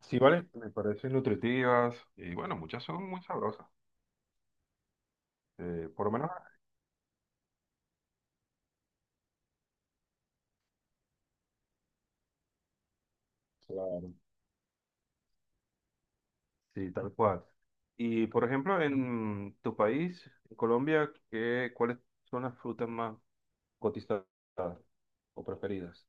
Sí, vale, me parecen nutritivas y bueno, muchas son muy sabrosas, por lo menos. Claro. Sí, tal cual. Y por ejemplo, en tu país, en Colombia, ¿qué, cuáles son las frutas más cotizadas o preferidas?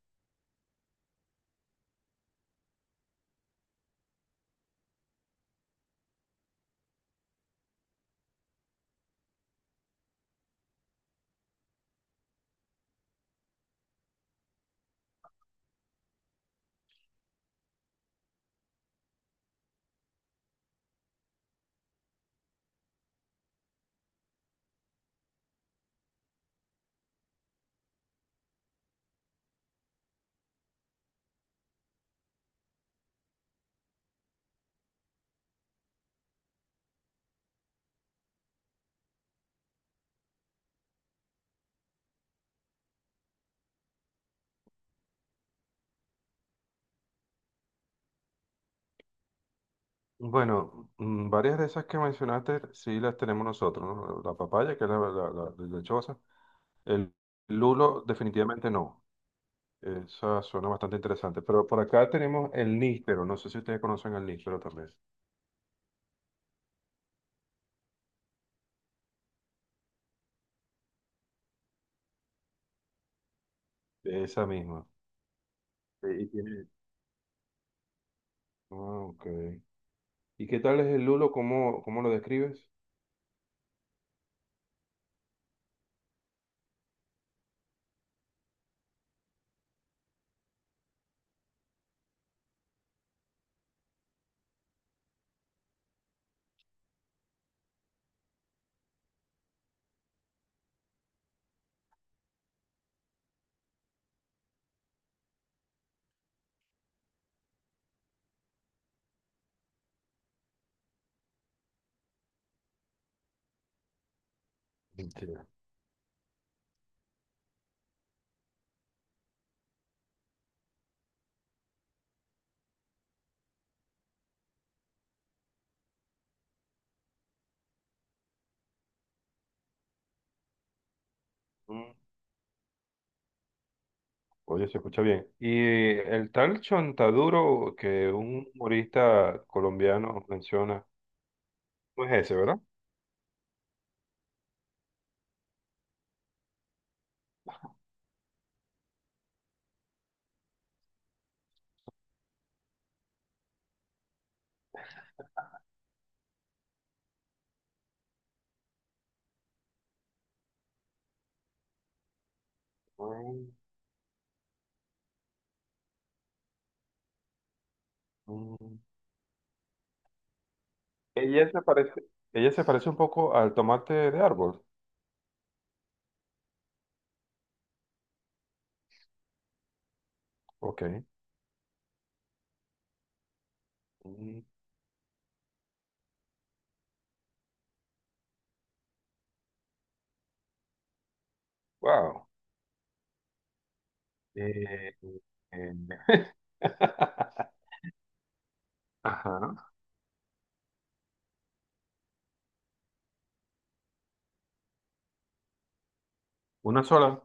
Bueno, varias de esas que mencionaste sí las tenemos nosotros, ¿no? La papaya, que es la lechosa. El lulo, definitivamente no. Esa suena bastante interesante. Pero por acá tenemos el níspero. No sé si ustedes conocen el níspero también. Esa misma. Y tiene... Ah, ok. ¿Y qué tal es el lulo? ¿Cómo lo describes? Mentira. Mm. Oye, se escucha bien. Y el tal Chontaduro que un humorista colombiano menciona, no es ese, ¿verdad? Mm, mm. Ella se parece, ella se parece un poco al tomate de árbol. Ok. Mm, Wow. Eh, eh, Ajá. Una sola.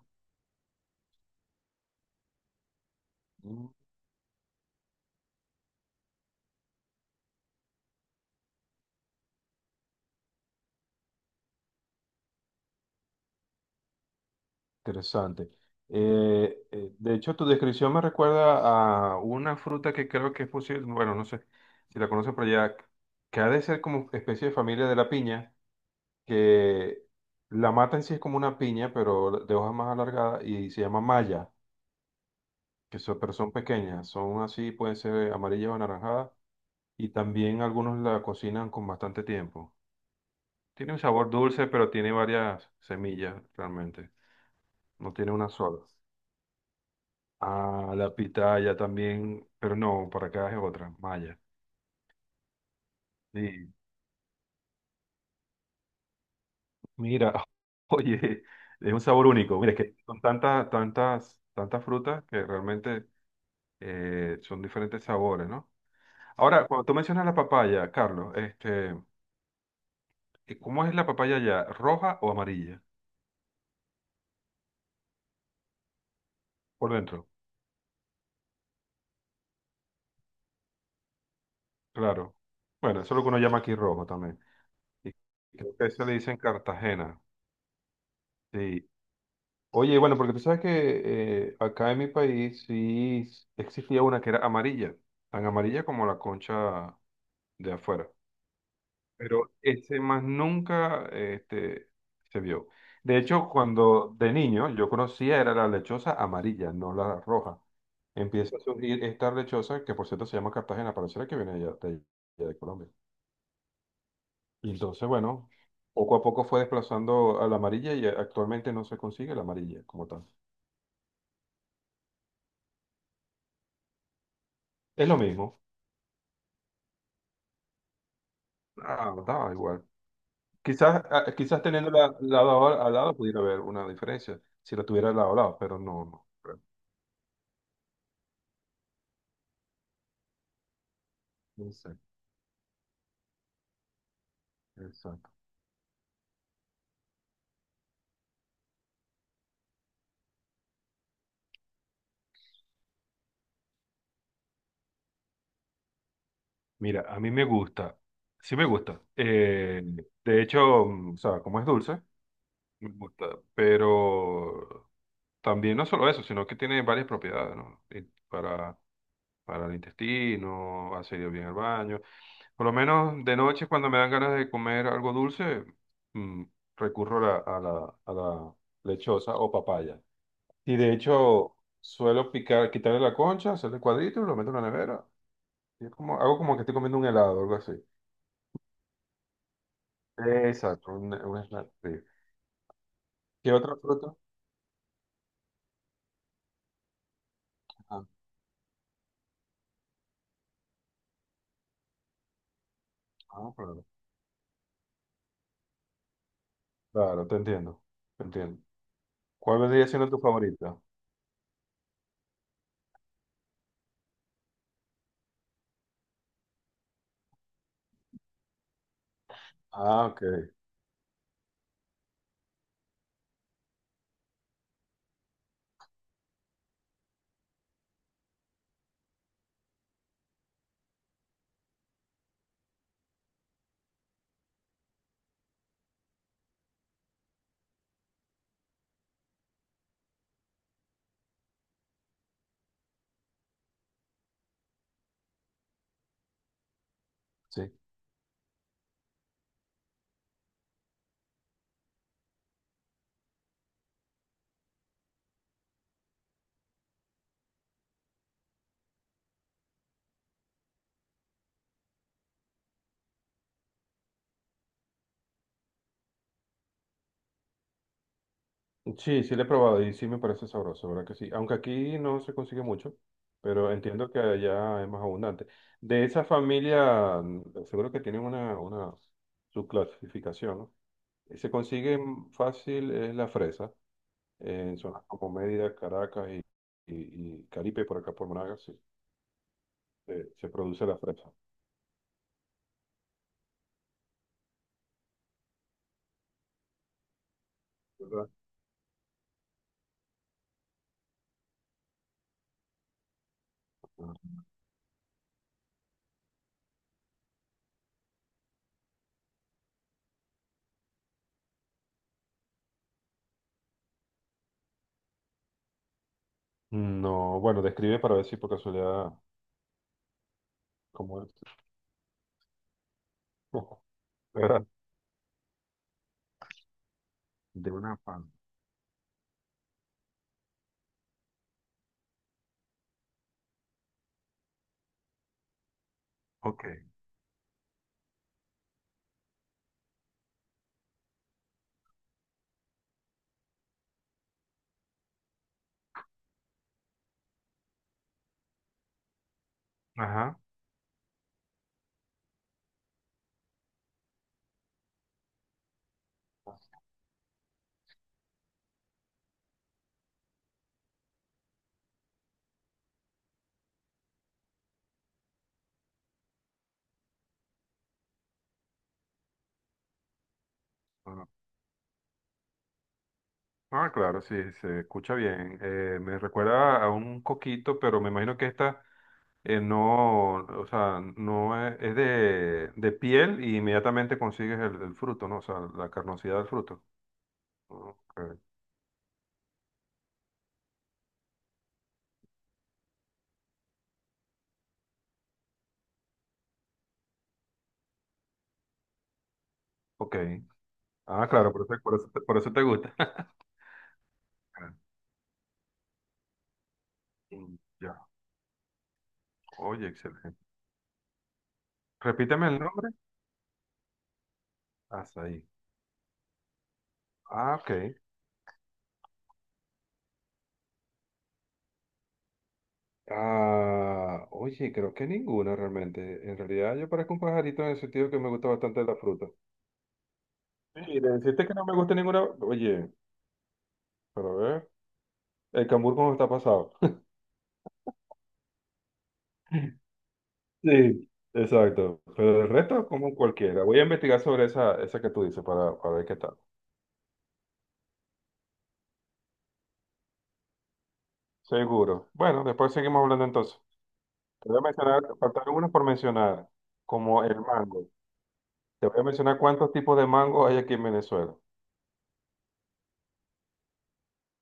Interesante. De hecho, tu descripción me recuerda a una fruta que creo que es posible, bueno, no sé si la conocen por allá, que ha de ser como especie de familia de la piña, que la mata en sí es como una piña, pero de hojas más alargadas y se llama malla, que son, pero son pequeñas, son así, pueden ser amarillas o anaranjadas, y también algunos la cocinan con bastante tiempo. Tiene un sabor dulce, pero tiene varias semillas realmente, no tiene una sola. Ah, la pitaya también, pero no, para acá es otra, maya. Sí, mira, oye, es un sabor único. Mira, es que son tantas, tantas, tantas frutas que realmente son diferentes sabores, ¿no? Ahora, cuando tú mencionas la papaya, Carlos, este, ¿cómo es la papaya ya? ¿Roja o amarilla? Por dentro, claro. Bueno, eso es lo que uno llama aquí rojo también. Y creo que eso le dicen Cartagena. Sí, oye, bueno, porque tú sabes que acá en mi país sí s- existía una que era amarilla, tan amarilla como la concha de afuera, pero ese más nunca se vio. De hecho, cuando de niño yo conocía era la lechosa amarilla, no la roja. Empieza a surgir esta lechosa, que por cierto se llama Cartagena, pareciera que viene de allá de, allá de Colombia. Y entonces, bueno, poco a poco fue desplazando a la amarilla y actualmente no se consigue la amarilla como tal. Es lo mismo. Ah, da igual. Quizás, ah, quizás teniéndola lado a al lado pudiera haber una diferencia si lo tuviera lado a lado, pero no, no creo. No sé, exacto. Mira, a mí me gusta, sí me gusta. De hecho, o sea, como es dulce, me gusta, pero también no solo eso, sino que tiene varias propiedades, ¿no? Y para para el intestino, hace ir bien al baño. Por lo menos de noche, cuando me dan ganas de comer algo dulce, mm, recurro a la lechosa o papaya. Y de hecho, suelo picar, quitarle la concha, hacerle cuadritos, y lo meto en la nevera. Y es como, hago como que estoy comiendo un helado, algo así. Exacto, un snack. Sí. ¿Qué otra fruta? Ah, claro. Claro, te entiendo, te entiendo. ¿Cuál vendría siendo tu favorita? Ah, ok, sí. Sí, sí lo he probado y sí me parece sabroso, ¿verdad que sí? Aunque aquí no se consigue mucho, pero entiendo que allá es más abundante. De esa familia, seguro que tienen una subclasificación, ¿no? Y se consigue fácil es la fresa, en zonas como Mérida, Caracas y, y Caripe, por acá por Monagas, sí, se produce la fresa. ¿Verdad? Ah. No, bueno, describe para ver si por casualidad, como es, ¿verdad? De una pan. Ok. Ajá. Ah, claro, sí, se escucha bien. Me recuerda a un coquito, pero me imagino que esta no, o sea, no es, es de piel y inmediatamente consigues el fruto, ¿no? O sea, la carnosidad del fruto. Ok, ok. Ah, claro, por eso te gusta. Ya, oye, excelente. Repíteme el nombre. Azaí. Ah, ok. Ah, oye, creo que ninguna realmente. En realidad yo parezco un pajarito en el sentido que me gusta bastante la fruta. Sí, le deciste que no me gusta ninguna. Oye, pero a ver, el cambur cómo está pasado. Sí, exacto. Pero el resto, como cualquiera. Voy a investigar sobre esa, esa que tú dices para ver qué tal. Seguro. Bueno, después seguimos hablando entonces. Te voy a mencionar, faltaron unos por mencionar, como el mango. Te voy a mencionar cuántos tipos de mango hay aquí en Venezuela.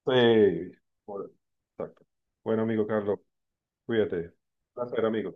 Sí, por- exacto. Bueno, amigo Carlos, cuídate. Un placer, amigo.